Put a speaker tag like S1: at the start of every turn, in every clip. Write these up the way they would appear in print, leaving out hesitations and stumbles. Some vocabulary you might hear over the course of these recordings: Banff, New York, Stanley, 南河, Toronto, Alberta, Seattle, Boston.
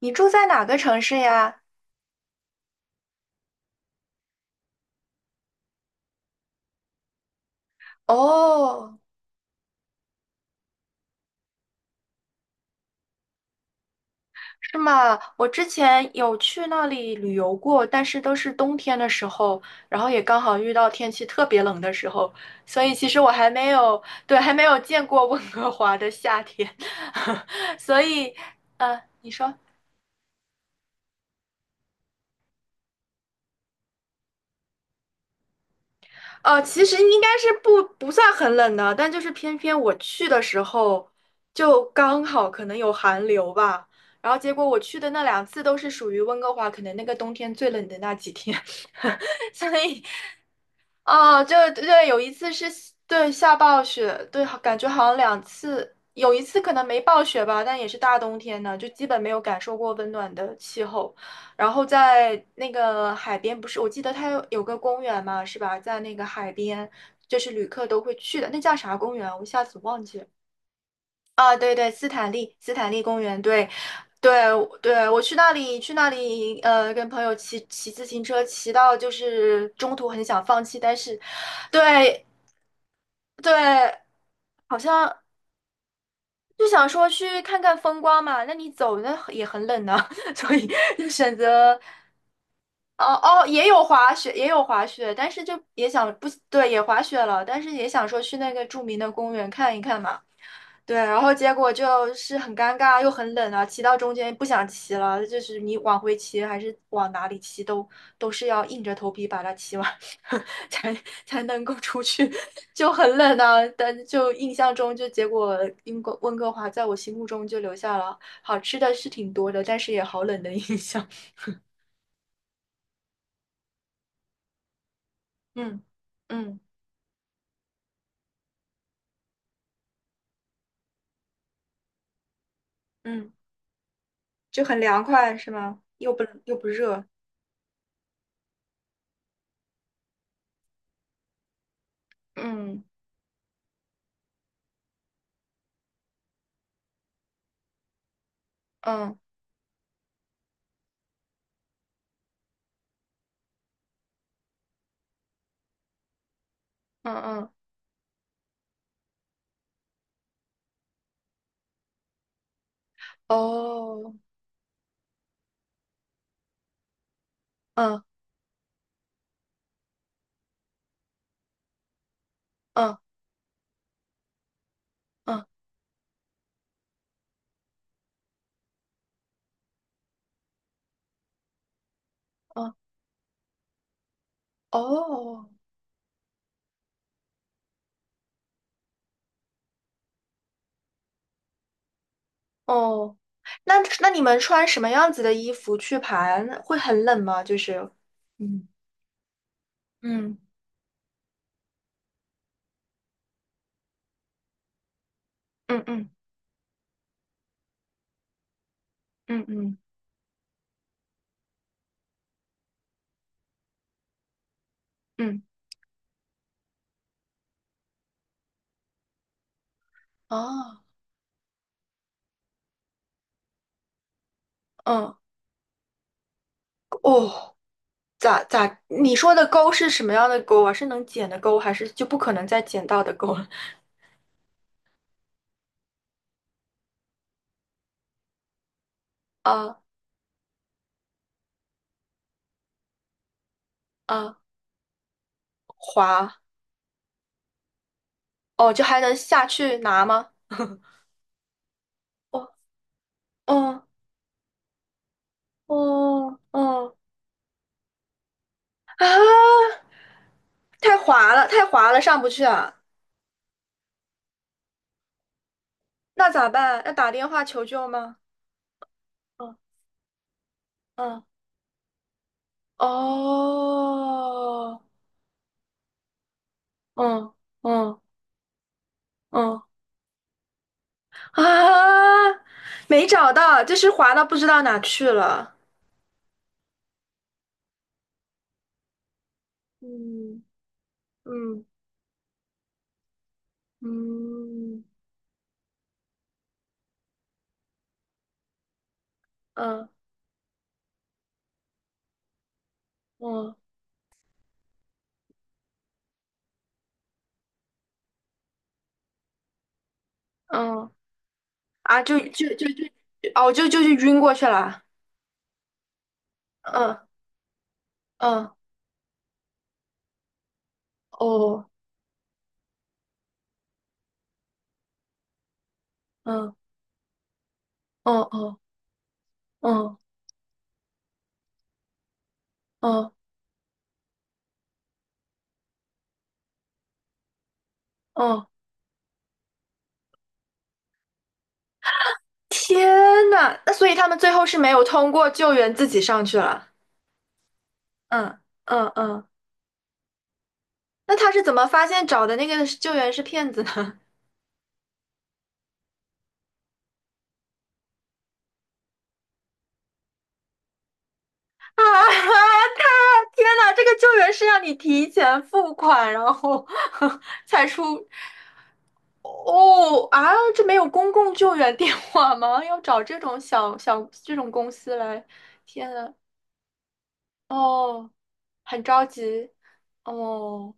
S1: 你住在哪个城市呀？哦，是吗？我之前有去那里旅游过，但是都是冬天的时候，然后也刚好遇到天气特别冷的时候，所以其实我还没有，对，还没有见过温哥华的夏天，所以，你说。其实应该是不算很冷的，但就是偏偏我去的时候就刚好可能有寒流吧，然后结果我去的那两次都是属于温哥华，可能那个冬天最冷的那几天，所以哦，就对，有一次是对下暴雪，对，感觉好像两次，有一次可能没暴雪吧，但也是大冬天的，就基本没有感受过温暖的气候。然后在那个海边，不是，我记得它有个公园嘛，是吧？在那个海边，就是旅客都会去的，那叫啥公园？我一下子忘记了。啊，对对，斯坦利，斯坦利公园，对，对对，我去那里，跟朋友骑自行车，骑到就是中途很想放弃，但是，对对，好像就想说去看看风光嘛，那你走那也很冷呢，所以就选择，哦哦，也有滑雪，也有滑雪，但是就也想不，对，也滑雪了，但是也想说去那个著名的公园看一看嘛。对，然后结果就是很尴尬又很冷啊，骑到中间不想骑了，就是你往回骑还是往哪里骑都是要硬着头皮把它骑完，才才能够出去，就很冷啊。但就印象中，就结果英国温哥华在我心目中就留下了好吃的是挺多的，但是也好冷的印象。嗯嗯嗯，就很凉快是吗？又不热。嗯嗯嗯嗯，哦，嗯嗯嗯嗯。哦哦，那你们穿什么样子的衣服去爬？会很冷吗？就是，嗯嗯嗯嗯嗯嗯嗯，哦嗯哦，咋？你说的钩是什么样的钩啊？是能捡的钩，还是就不可能再捡到的钩了？啊啊，滑哦，就还能下去拿吗？哦哦哦哦啊！太滑了，太滑了，上不去啊！那咋办？要打电话求救吗？嗯嗯，哦，嗯嗯嗯啊，没找到，就是滑到不知道哪去了。嗯嗯嗯嗯嗯嗯啊，就就就就，哦，就是晕过去了。嗯嗯，哦，嗯哦哦哦哦哦，天呐，那所以他们最后是没有通过救援，自己上去了。嗯嗯嗯，那他是怎么发现找的那个救援是骗子呢？啊，他天呐，这个救援是要你提前付款，然后 才出哦啊，这没有公共救援电话吗？要找这种这种公司来，天呐，哦，很着急哦。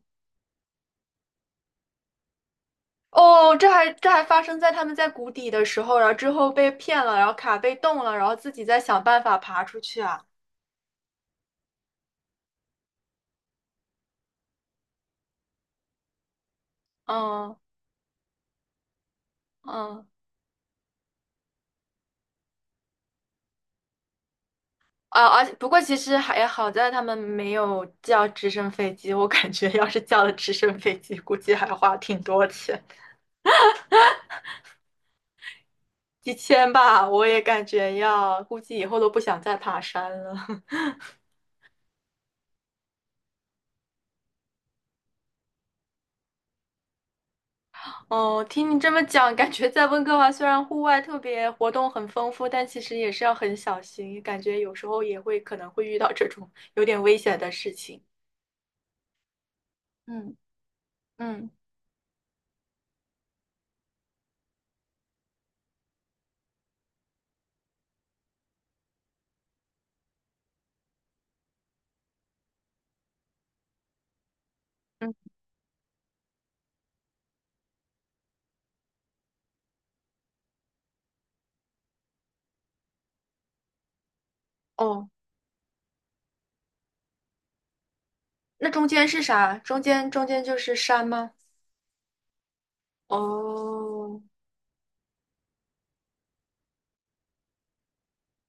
S1: 哦，这还发生在他们在谷底的时候，然后之后被骗了，然后卡被冻了，然后自己再想办法爬出去啊。嗯嗯。啊，而且不过其实还好在他们没有叫直升飞机，我感觉要是叫了直升飞机，估计还花挺多钱，几千吧，我也感觉要，估计以后都不想再爬山了。哦，听你这么讲，感觉在温哥华虽然户外特别活动很丰富，但其实也是要很小心，感觉有时候也会可能会遇到这种有点危险的事情。嗯，嗯嗯，哦，那中间是啥？中间就是山吗？哦。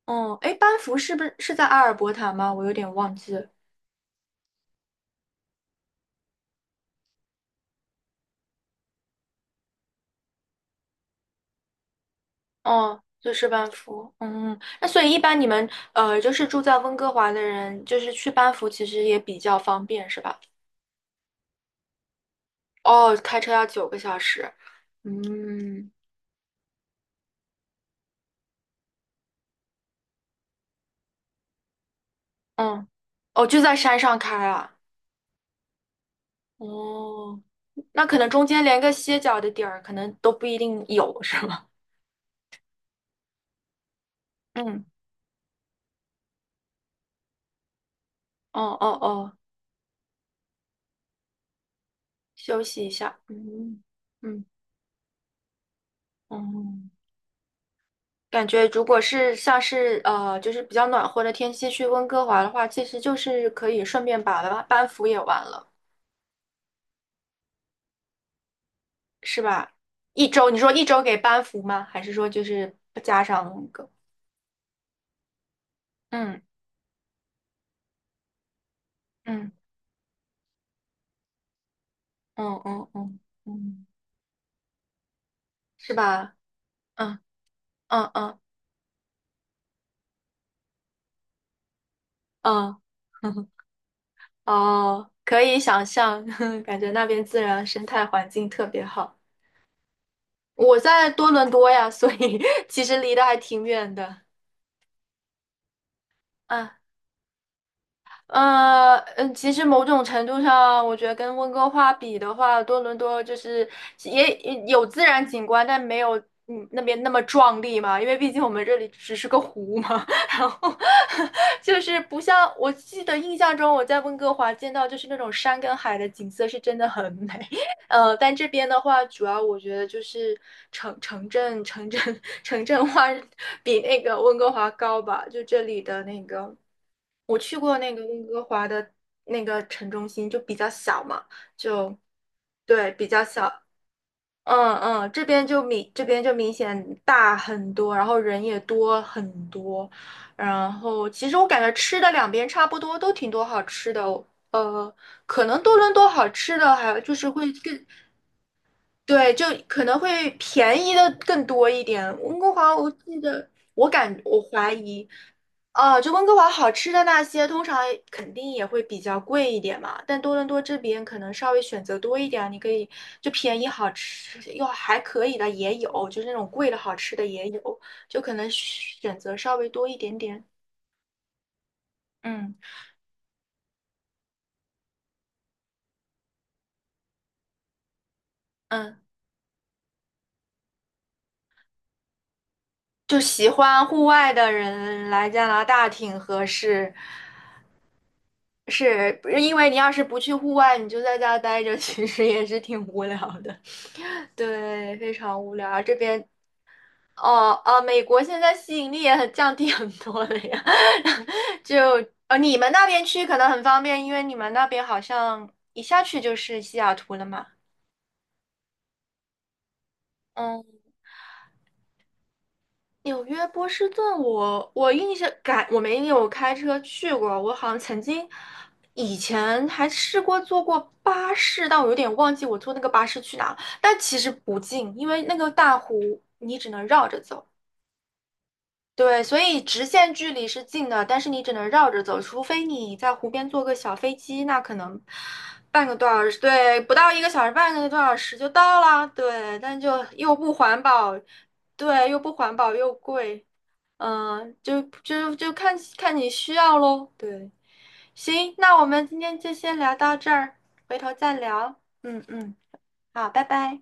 S1: 哦，哎，班夫是不是在阿尔伯塔吗？我有点忘记了哦，就是班夫。嗯，那所以一般你们就是住在温哥华的人，就是去班夫其实也比较方便，是吧？哦，开车要9个小时。嗯嗯，哦，就在山上开啊。哦，那可能中间连个歇脚的地儿，可能都不一定有，是吗？嗯，哦哦哦，休息一下。嗯嗯嗯。感觉如果是像是就是比较暖和的天气去温哥华的话，其实就是可以顺便把班服也完了，是吧？一周，你说一周给班服吗？还是说就是加上那个？嗯嗯嗯嗯嗯嗯，是吧？嗯嗯嗯嗯，哦，可以想象，感觉那边自然生态环境特别好。我在多伦多呀，所以 其实离得还挺远的。啊。其实某种程度上，我觉得跟温哥华比的话，多伦多就是也有自然景观，但没有那边那么壮丽嘛，因为毕竟我们这里只是个湖嘛。然后就是不像我记得印象中我在温哥华见到就是那种山跟海的景色是真的很美，但这边的话，主要我觉得就是城城镇城镇 城镇化比那个温哥华高吧，就这里的那个。我去过那个温哥华的那个城中心，就比较小嘛，就对比较小，嗯嗯，这边就明显大很多，然后人也多很多，然后其实我感觉吃的两边差不多，都挺多好吃的哦呃，可能多伦多好吃的还有就是会更对，就可能会便宜的更多一点。温哥华，我记得，我怀疑，啊，就温哥华好吃的那些，通常肯定也会比较贵一点嘛。但多伦多这边可能稍微选择多一点，你可以就便宜好吃又还可以的也有，就是那种贵的好吃的也有，就可能选择稍微多一点点。嗯嗯，就喜欢户外的人来加拿大挺合适。是因为你要是不去户外，你就在家待着，其实也是挺无聊的。对，非常无聊。这边哦哦，美国现在吸引力也很降低很多了呀。就你们那边去可能很方便，因为你们那边好像一下去就是西雅图了嘛。嗯。纽约波士顿我，我印象感我没有开车去过，我好像曾经以前还试过坐过巴士，但我有点忘记我坐那个巴士去哪了。但其实不近，因为那个大湖你只能绕着走，对，所以直线距离是近的，但是你只能绕着走，除非你在湖边坐个小飞机，那可能半个多小时，对，不到一个小时，半个多小时就到啦，对，但就又不环保，对，又不环保又贵。嗯，就看看你需要喽。对，行，那我们今天就先聊到这儿，回头再聊。嗯嗯，好，拜拜。